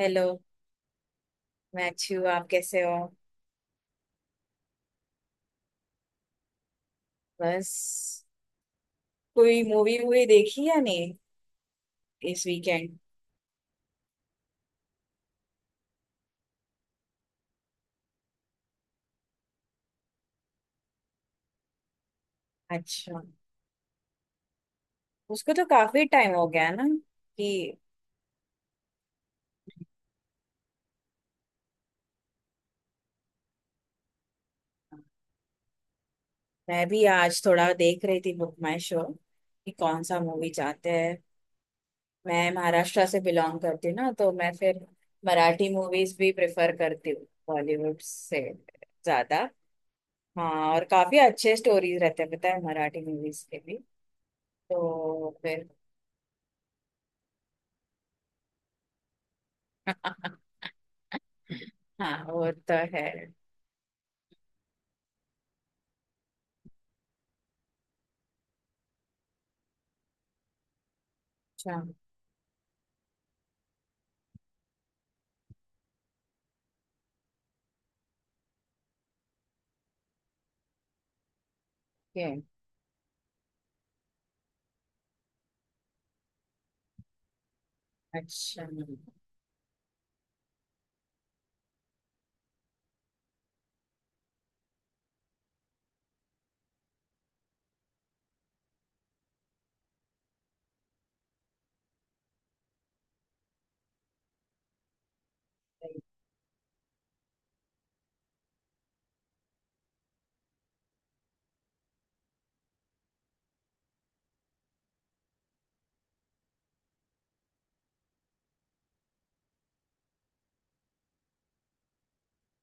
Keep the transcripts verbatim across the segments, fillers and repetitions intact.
Hello. मैं अच्छी हूँ। आप कैसे हो। बस। कोई मूवी वूवी देखी या नहीं इस वीकेंड। अच्छा। उसको तो काफी टाइम हो गया ना। कि मैं भी आज थोड़ा देख रही थी बुक माई शो कि कौन सा मूवी चाहते हैं। मैं महाराष्ट्र से बिलोंग करती हूँ ना, तो मैं फिर मराठी मूवीज भी प्रेफर करती हूँ बॉलीवुड से ज्यादा। हाँ, और काफी अच्छे स्टोरीज रहते हैं पता है मराठी मूवीज के भी। तो फिर हाँ वो तो है। अच्छा। ये। अच्छा।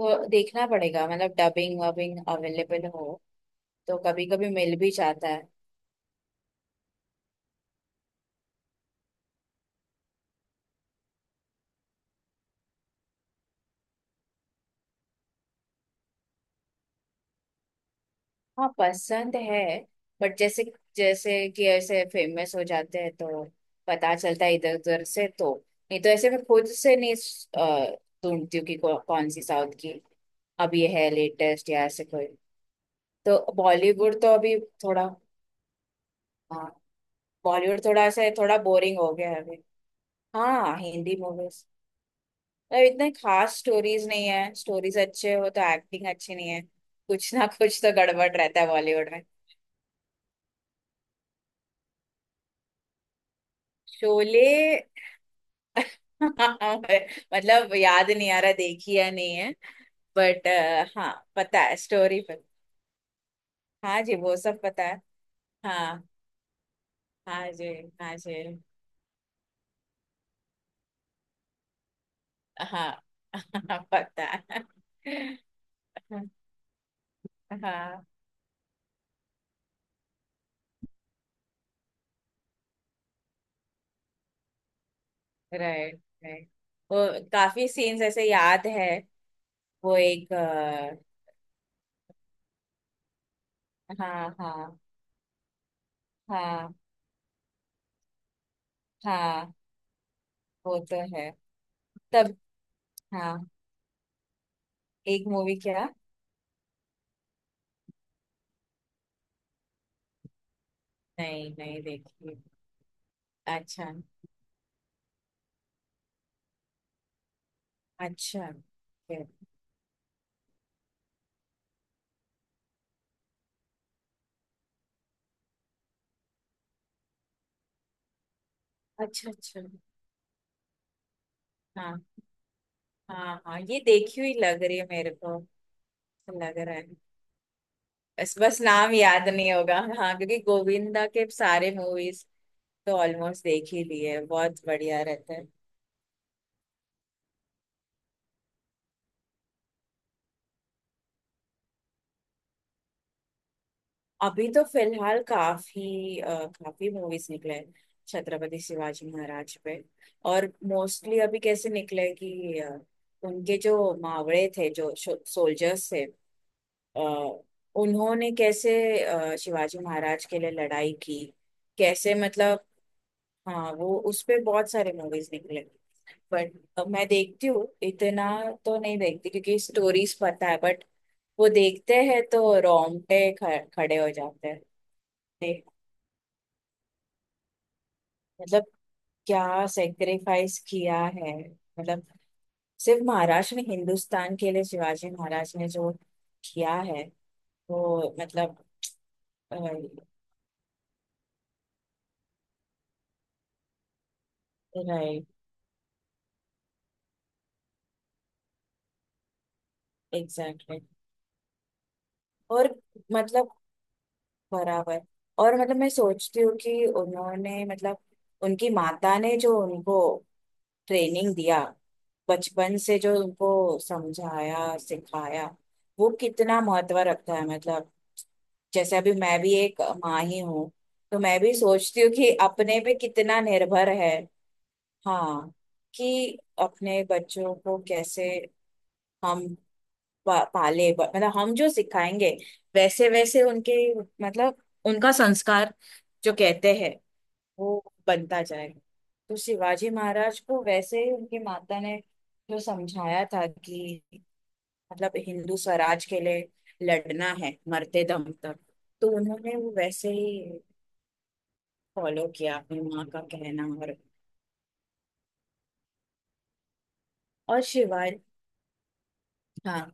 वो देखना पड़ेगा मतलब डबिंग वबिंग अवेलेबल हो तो कभी कभी मिल भी जाता है। हाँ पसंद है। बट जैसे जैसे कि ऐसे फेमस हो जाते हैं तो पता चलता है इधर उधर से। तो नहीं तो ऐसे मैं खुद से नहीं अ, ढूंढती हूँ कि कौ, कौन सी साउथ की अब ये है लेटेस्ट या ऐसे कोई। तो बॉलीवुड तो अभी थोड़ा। हाँ बॉलीवुड थोड़ा ऐसे थोड़ा बोरिंग हो गया है अभी। हाँ हिंदी मूवीज, मतलब इतने खास स्टोरीज नहीं है। स्टोरीज अच्छे हो तो एक्टिंग अच्छी नहीं है, कुछ ना कुछ तो गड़बड़ रहता है बॉलीवुड में। शोले मतलब याद नहीं आ रहा देखी या नहीं है। बट हाँ पता है स्टोरी पर। हाँ जी वो सब पता है। हाँ। हाँ जी। हाँ जी। हाँ पता है हाँ। Right right. वो काफी सीन्स ऐसे याद है। वो एक। हाँ हाँ। हाँ। हाँ। वो तो है। तब। हाँ। एक मूवी क्या। नहीं नहीं देखी। अच्छा अच्छा। फिर- अच्छा अच्छा। हाँ हाँ हाँ ये देखी हुई लग रही है मेरे को। लग रहा है। बस बस नाम याद नहीं होगा हाँ, क्योंकि गोविंदा के सारे मूवीज तो ऑलमोस्ट देख ही लिए, बहुत बढ़िया रहते हैं। अभी तो फिलहाल काफी अ, काफी मूवीज निकले हैं छत्रपति शिवाजी महाराज पे। और मोस्टली अभी कैसे निकले कि अ, उनके जो मावड़े थे, जो सोल्जर्स थे, अ, उन्होंने कैसे अ, शिवाजी महाराज के लिए लड़ाई की, कैसे मतलब। हाँ वो उस पे बहुत सारे मूवीज निकले। बट मैं देखती हूँ इतना तो नहीं देखती क्योंकि स्टोरीज पता है। बट वो देखते हैं तो रोंगटे ख- खड़े हो जाते हैं। देख- मतलब क्या सेक्रीफाइस किया है, मतलब सिर्फ महाराष्ट्र नहीं हिंदुस्तान के लिए शिवाजी महाराज ने जो किया है वो मतलब। राइट। एग्जैक्टली। और मतलब बराबर। और मतलब मैं सोचती हूँ कि उन्होंने, मतलब उनकी माता ने जो उनको ट्रेनिंग दिया बचपन से, जो उनको समझाया सिखाया, वो कितना महत्व रखता है, मतलब जैसे अभी मैं भी एक माँ ही हूँ तो मैं भी सोचती हूँ कि अपने पे कितना निर्भर है। हाँ, कि अपने बच्चों को कैसे हम पा, पाले, ब- मतलब हम जो सिखाएंगे वैसे वैसे उनके मतलब उनका संस्कार जो कहते हैं वो बनता जाएगा। तो शिवाजी महाराज को वैसे ही उनकी माता ने जो समझाया था कि मतलब हिंदू स्वराज के लिए लड़ना है मरते दम तक, तो उन्होंने वो वैसे ही फॉलो किया अपनी माँ का कहना, और। और शिवाय। हाँ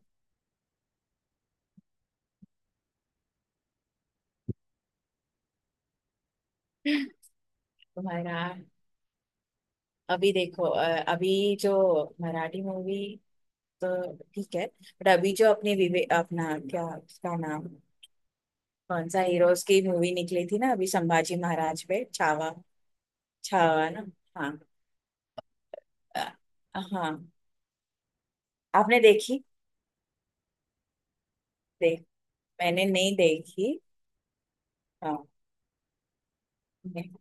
तुम्हारा। अभी देखो अ, अभी जो मराठी मूवी तो ठीक है। बट अभी जो अपने विवे अपना क्या, क्या नाम, कौन सा हीरोज की मूवी निकली थी ना अभी संभाजी महाराज पे छावा। छावा ना। हाँ। अ, हाँ। आपने देखी। देख। मैंने नहीं देखी। हाँ। मैं-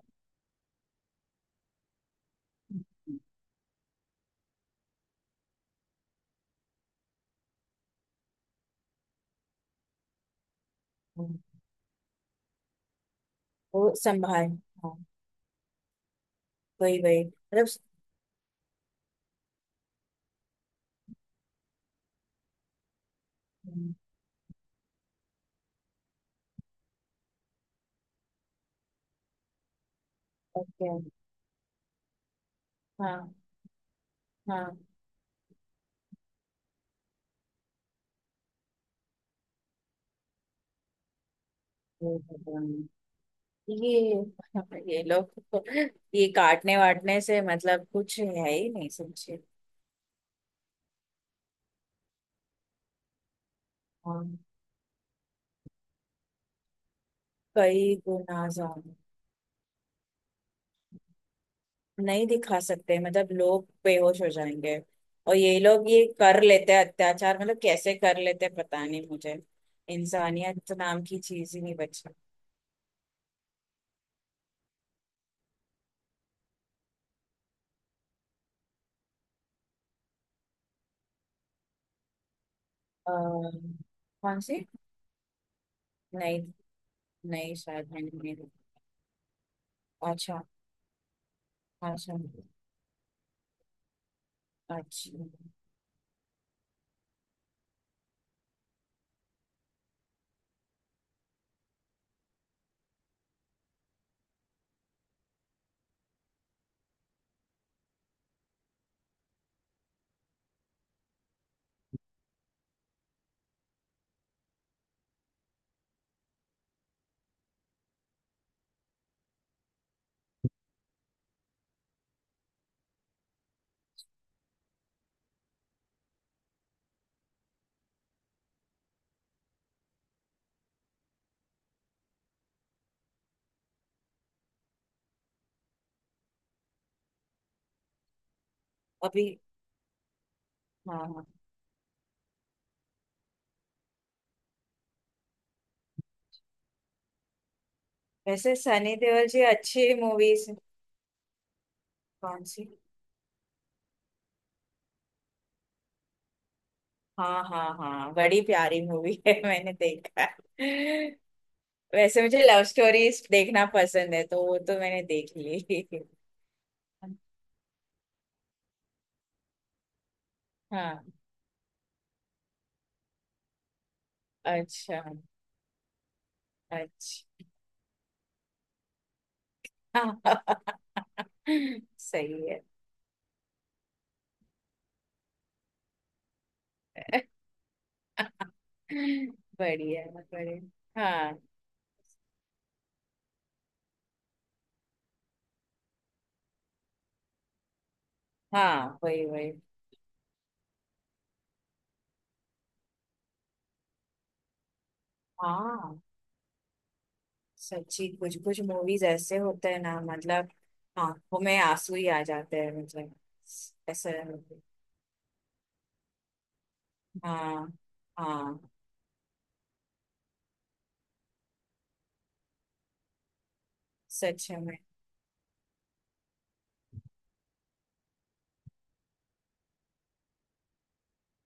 वो संभाल। हाँ वही वही मतलब। ओके। हाँ हाँ। हम्म, ये ये लोग तो, ये काटने वाटने से मतलब कुछ है ही नहीं समझे। हाँ कई गुना ज्यादा नहीं दिखा सकते, मतलब लोग बेहोश हो जाएंगे। और ये लोग ये कर लेते हैं अत्याचार, मतलब कैसे कर लेते हैं पता नहीं मुझे। इंसानियत नाम की चीज ही नहीं बची। अ, कौन सी। नहीं नहीं शायद मैंने नहीं देखी। अच्छा। अच्छा। अच्छा। अभी। हाँ हाँ। वैसे सनी देओल जी अच्छी मूवीज, कौन सी। हाँ हाँ हाँ बड़ी प्यारी मूवी है मैंने देखा है। वैसे मुझे लव स्टोरीज देखना पसंद है तो वो तो मैंने देख ली हाँ। अच्छा अच्छा। सही है। बढ़िया। बढ़िया हाँ। हाँ वही वही। हाँ सच्ची कुछ कुछ मूवीज ऐसे होते हैं ना, मतलब आंखों में आंसू ही आ जाते हैं मतलब। ऐसा। हाँ। हाँ सच में।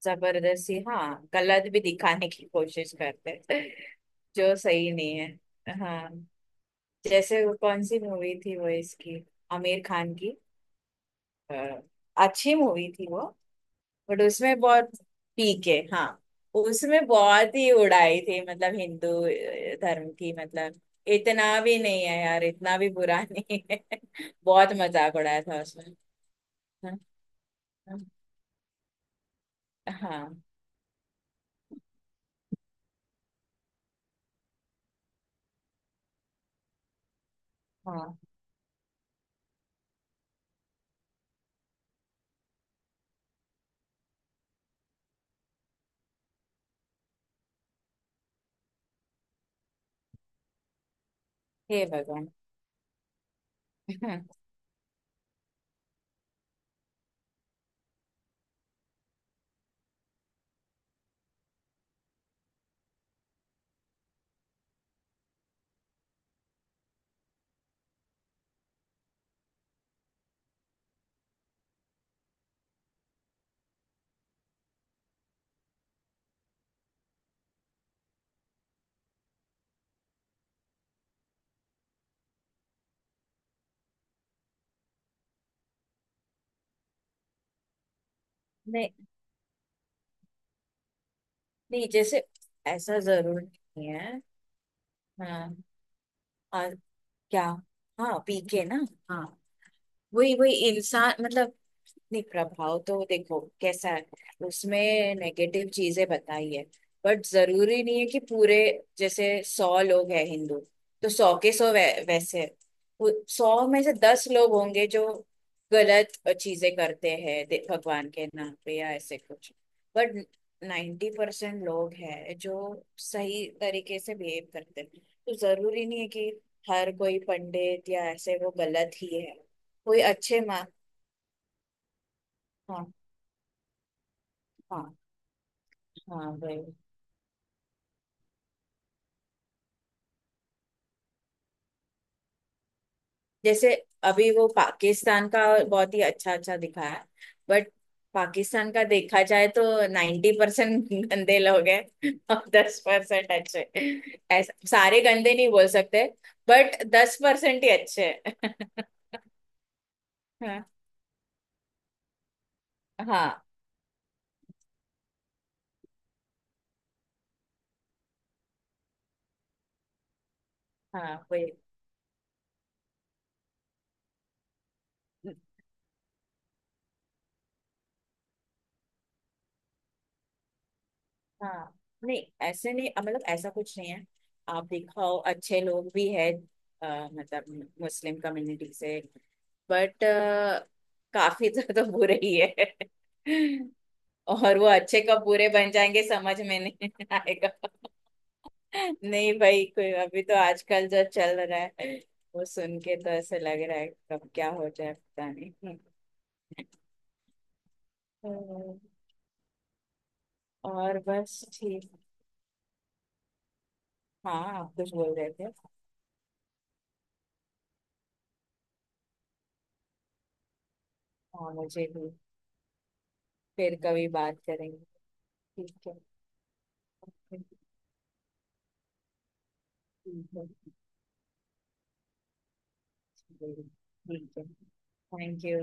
जबरदस्ती हाँ गलत भी दिखाने की कोशिश करते हैं, जो सही नहीं है हाँ। जैसे वो कौन सी मूवी थी वो इसकी, आमिर खान की अ, अच्छी मूवी थी वो। बट उसमें बहुत। पीके हाँ। उसमें बहुत ही उड़ाई थी, मतलब हिंदू अ, धर्म की मतलब। इतना भी नहीं है यार, इतना भी बुरा नहीं है। बहुत मजाक उड़ाया था उसमें। हाँ। हाँ। हाँ। हाँ, हे भगवान। नहीं नहीं। जैसे ऐसा जरूर नहीं है। हाँ। और क्या। हाँ पीके ना। हाँ वही वही इंसान मतलब। नहीं, प्रभाव तो देखो कैसा है। उसमें नेगेटिव चीजें बताई है, बट जरूरी नहीं है कि पूरे, जैसे सौ लोग हैं हिंदू, तो सौ के सौ वै, वैसे, वो सौ में से दस लोग होंगे जो गलत चीजें करते हैं, दे- भगवान के नाम पे या ऐसे कुछ। बट नाइन्टी परसेंट लोग हैं जो सही तरीके से बिहेव करते हैं। तो जरूरी नहीं है कि हर कोई पंडित या ऐसे वो गलत ही है। कोई अच्छे मा। हाँ हाँ। हाँ वही। जैसे अभी वो पाकिस्तान का बहुत ही अच्छा अच्छा दिखाया। बट पाकिस्तान का देखा जाए तो नाइन्टी परसेंट गंदे लोग हैं और दस परसेंट अच्छे। ऐसा सारे गंदे नहीं बोल सकते बट दस परसेंट ही अच्छे हैं हाँ। हाँ हाँ वही। हाँ नहीं ऐसे नहीं अ, मतलब ऐसा कुछ नहीं है। आप दिखाओ अच्छे लोग भी है अ, मतलब मुस्लिम कम्युनिटी से, बट काफी ज्यादा बुरे ही है। और वो अच्छे कब बुरे बन जाएंगे समझ में नहीं आएगा। नहीं भाई, कोई अभी तो आजकल जो चल रहा है वो सुन के तो ऐसे लग रहा है कब क्या हो जाए पता नहीं। तो, और बस ठीक हाँ। आप कुछ बोल रहे थे। हाँ मुझे भी। फिर कभी बात करेंगे। ठीक है। ठीक है। Thank you.